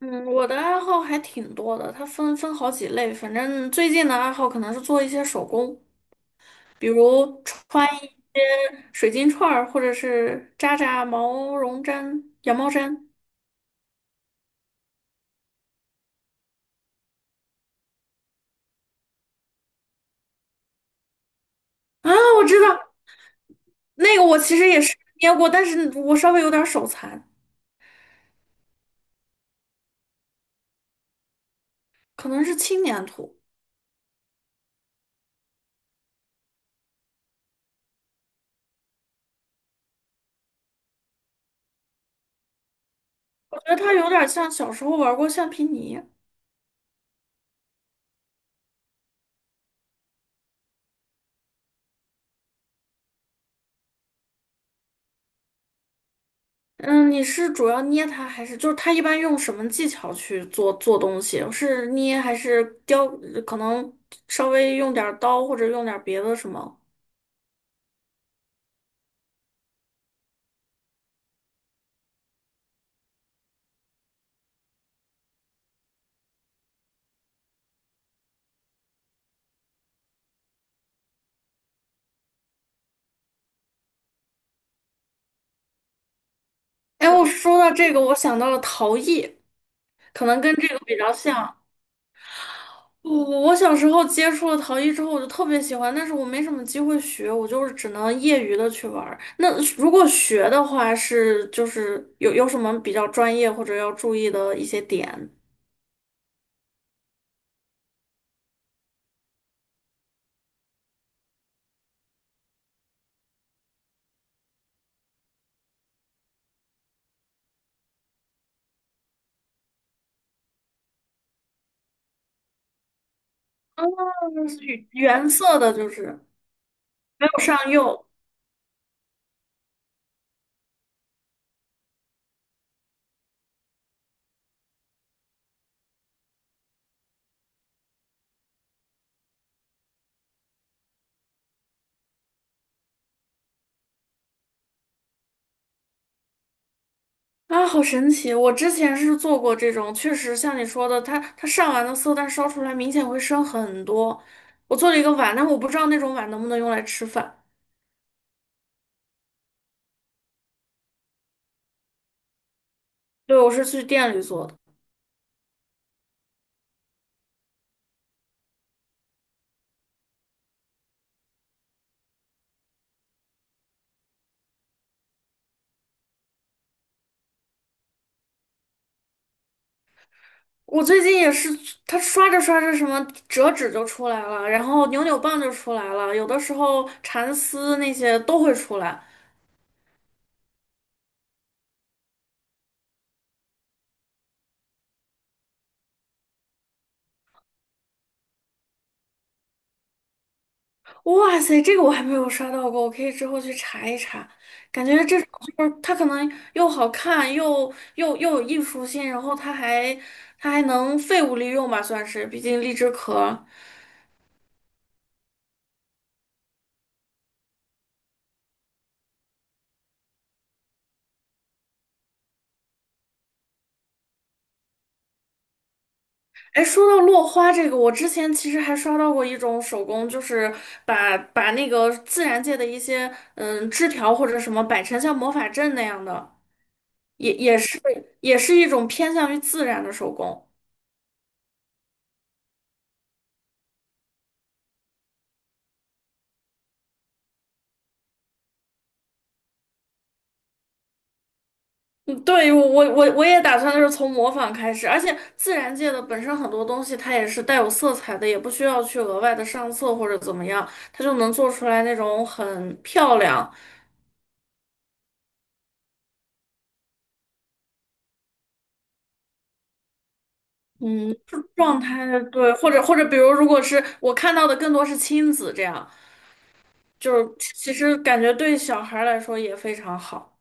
嗯，我的爱好还挺多的，它分好几类。反正最近的爱好可能是做一些手工，比如穿一些水晶串儿，或者是扎扎毛绒毡、羊毛毡。啊，我知道那个，我其实也是捏过，但是我稍微有点手残，可能是轻粘土。我觉得它有点像小时候玩过橡皮泥。嗯，你是主要捏它，还是就是它一般用什么技巧去做做东西？是捏还是雕？可能稍微用点儿刀或者用点儿别的什么？哎，我说到这个，我想到了陶艺，可能跟这个比较像。我我小时候接触了陶艺之后，我就特别喜欢，但是我没什么机会学，我就是只能业余的去玩儿。那如果学的话，是就是有什么比较专业或者要注意的一些点？就是原色的，就是没有上釉。啊，好神奇！我之前是做过这种，确实像你说的，它上完的色，但烧出来明显会深很多。我做了一个碗，但我不知道那种碗能不能用来吃饭。对，我是去店里做的。我最近也是，它刷着刷着什么折纸就出来了，然后扭扭棒就出来了，有的时候蚕丝那些都会出来。哇塞，这个我还没有刷到过，我可以之后去查一查。感觉这种就是它可能又好看，又有艺术性，然后它还能废物利用吧，算是，毕竟荔枝壳。哎，说到落花这个，我之前其实还刷到过一种手工，就是把那个自然界的一些枝条或者什么摆成像魔法阵那样的，也也是也是一种偏向于自然的手工。嗯，对，我也打算就是从模仿开始，而且自然界的本身很多东西它也是带有色彩的，也不需要去额外的上色或者怎么样，它就能做出来那种很漂亮，嗯，就状态对，或者比如如果是我看到的更多是亲子这样，就是其实感觉对小孩儿来说也非常好。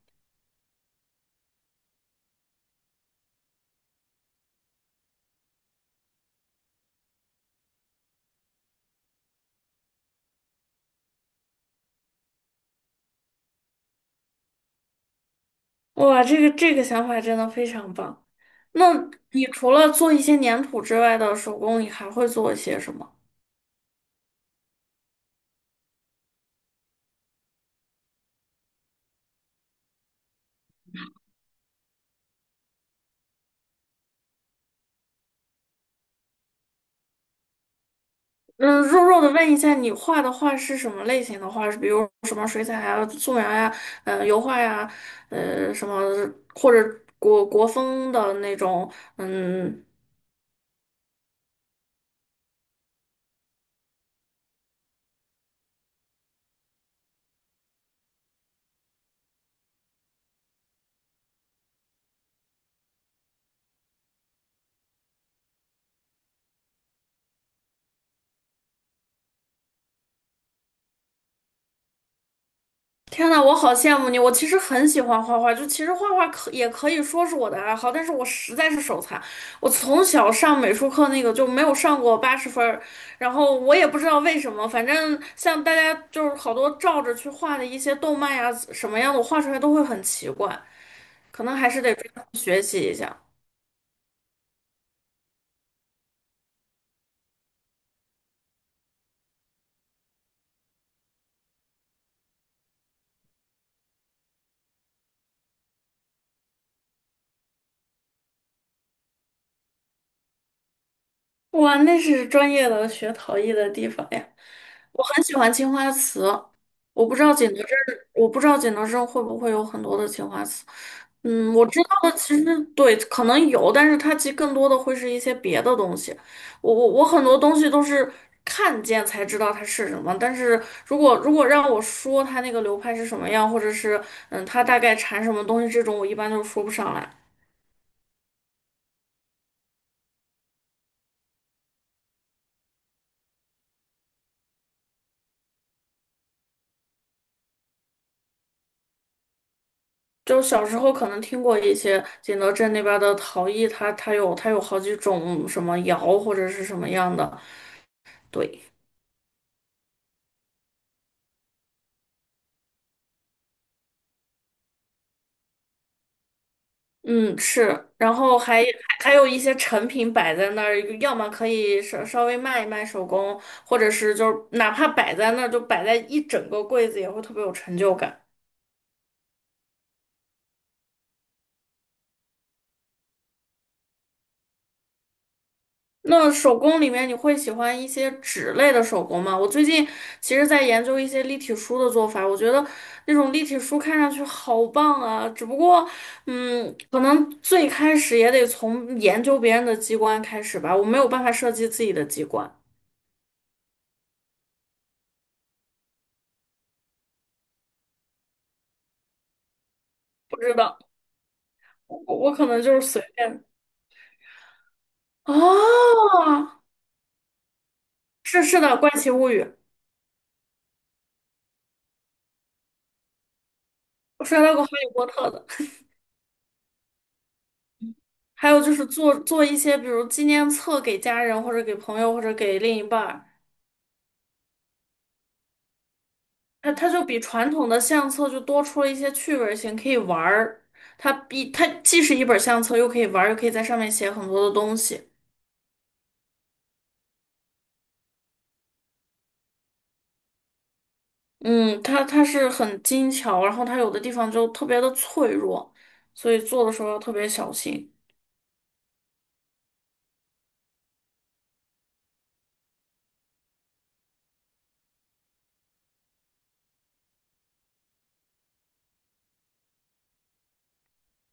哇，这个想法真的非常棒。那你除了做一些粘土之外的手工，你还会做一些什么？嗯，弱弱的问一下，你画的画是什么类型的画？是比如什么水彩啊、素描呀、油画呀、什么或者国风的那种？嗯，天呐，我好羡慕你！我其实很喜欢画画，就其实画画可也可以说是我的爱好，但是我实在是手残，我从小上美术课那个就没有上过80分儿，然后我也不知道为什么，反正像大家就是好多照着去画的一些动漫呀什么样的，我画出来都会很奇怪。可能还是得专门学习一下。哇，那是专业的学陶艺的地方呀！我很喜欢青花瓷，我不知道景德镇，我不知道景德镇会不会有很多的青花瓷。嗯，我知道的其实对，可能有，但是它其实更多的会是一些别的东西。我很多东西都是看见才知道它是什么，但是如果让我说它那个流派是什么样，或者是它大概产什么东西这种，我一般都说不上来。就小时候可能听过一些景德镇那边的陶艺，它有好几种什么窑或者是什么样的，对，嗯是，然后还还有一些成品摆在那儿，要么可以稍微卖一卖手工，或者是就是哪怕摆在那儿就摆在一整个柜子也会特别有成就感。那手工里面你会喜欢一些纸类的手工吗？我最近其实在研究一些立体书的做法，我觉得那种立体书看上去好棒啊，只不过，可能最开始也得从研究别人的机关开始吧，我没有办法设计自己的机关，不知道，我可能就是随便。哦，是是的，《怪奇物语》，我刷到过《哈利波特》的。还有就是做做一些，比如纪念册给家人或者给朋友或者给另一半儿。它就比传统的相册就多出了一些趣味性，可以玩儿。它既是一本相册，又可以玩儿又可以在上面写很多的东西。嗯，它是很精巧，然后它有的地方就特别的脆弱，所以做的时候要特别小心。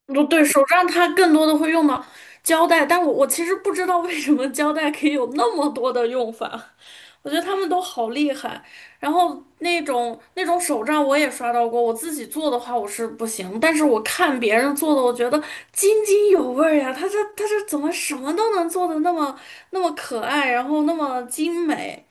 不对，手账它更多的会用到胶带，但我其实不知道为什么胶带可以有那么多的用法，我觉得他们都好厉害。然后那种手账我也刷到过，我自己做的话我是不行，但是我看别人做的，我觉得津津有味儿呀，他这怎么什么都能做的那么可爱，然后那么精美。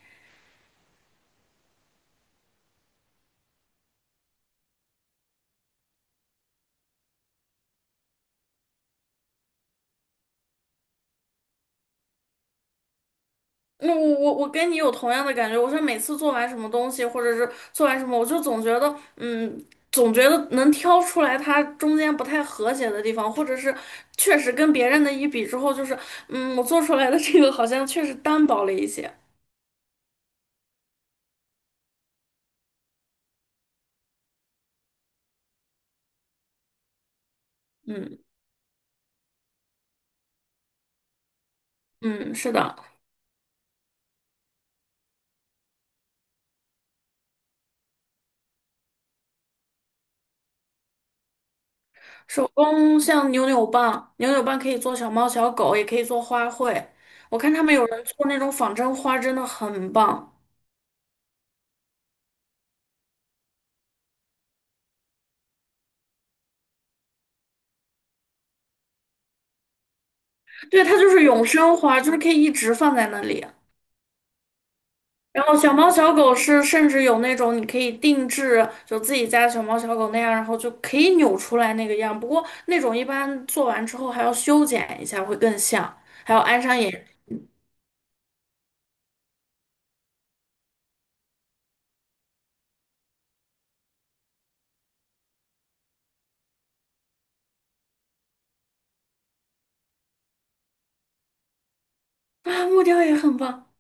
那我跟你有同样的感觉，我是每次做完什么东西，或者是做完什么，我就总觉得，总觉得能挑出来它中间不太和谐的地方，或者是确实跟别人的一比之后，就是，我做出来的这个好像确实单薄了一些。嗯嗯，是的，手工像扭扭棒，可以做小猫小狗，也可以做花卉。我看他们有人做那种仿真花，真的很棒。对，它就是永生花，就是可以一直放在那里。然后小猫小狗是甚至有那种你可以定制，就自己家小猫小狗那样，然后就可以扭出来那个样。不过那种一般做完之后还要修剪一下，会更像，还要安上眼啊，木雕也很棒。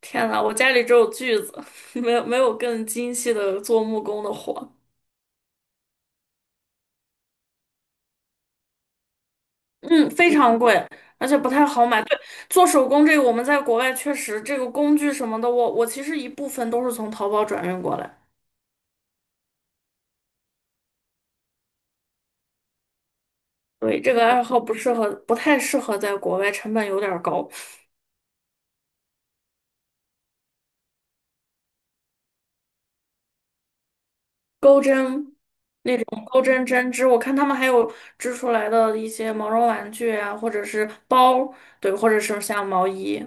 天呐，我家里只有锯子，没有更精细的做木工的活。嗯，非常贵，而且不太好买。对，做手工这个我们在国外确实这个工具什么的，我其实一部分都是从淘宝转运过来。对，这个爱好不适合，不太适合在国外，成本有点儿高。钩针、钩针、针织，我看他们还有织出来的一些毛绒玩具啊，或者是包，对，或者是像毛衣。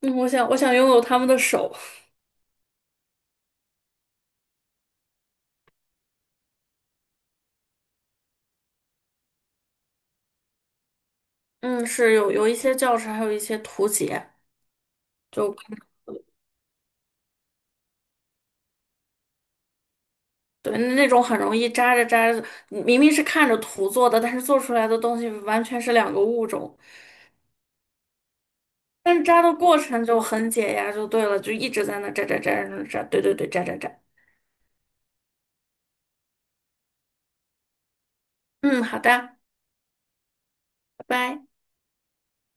嗯，我想拥有他们的手。嗯，是有一些教程，还有一些图解，就对那种很容易扎着扎着，明明是看着图做的，但是做出来的东西完全是两个物种。但是扎的过程就很解压，就对了，就一直在那扎扎扎扎扎，对对对，扎扎扎。嗯，好的，拜拜。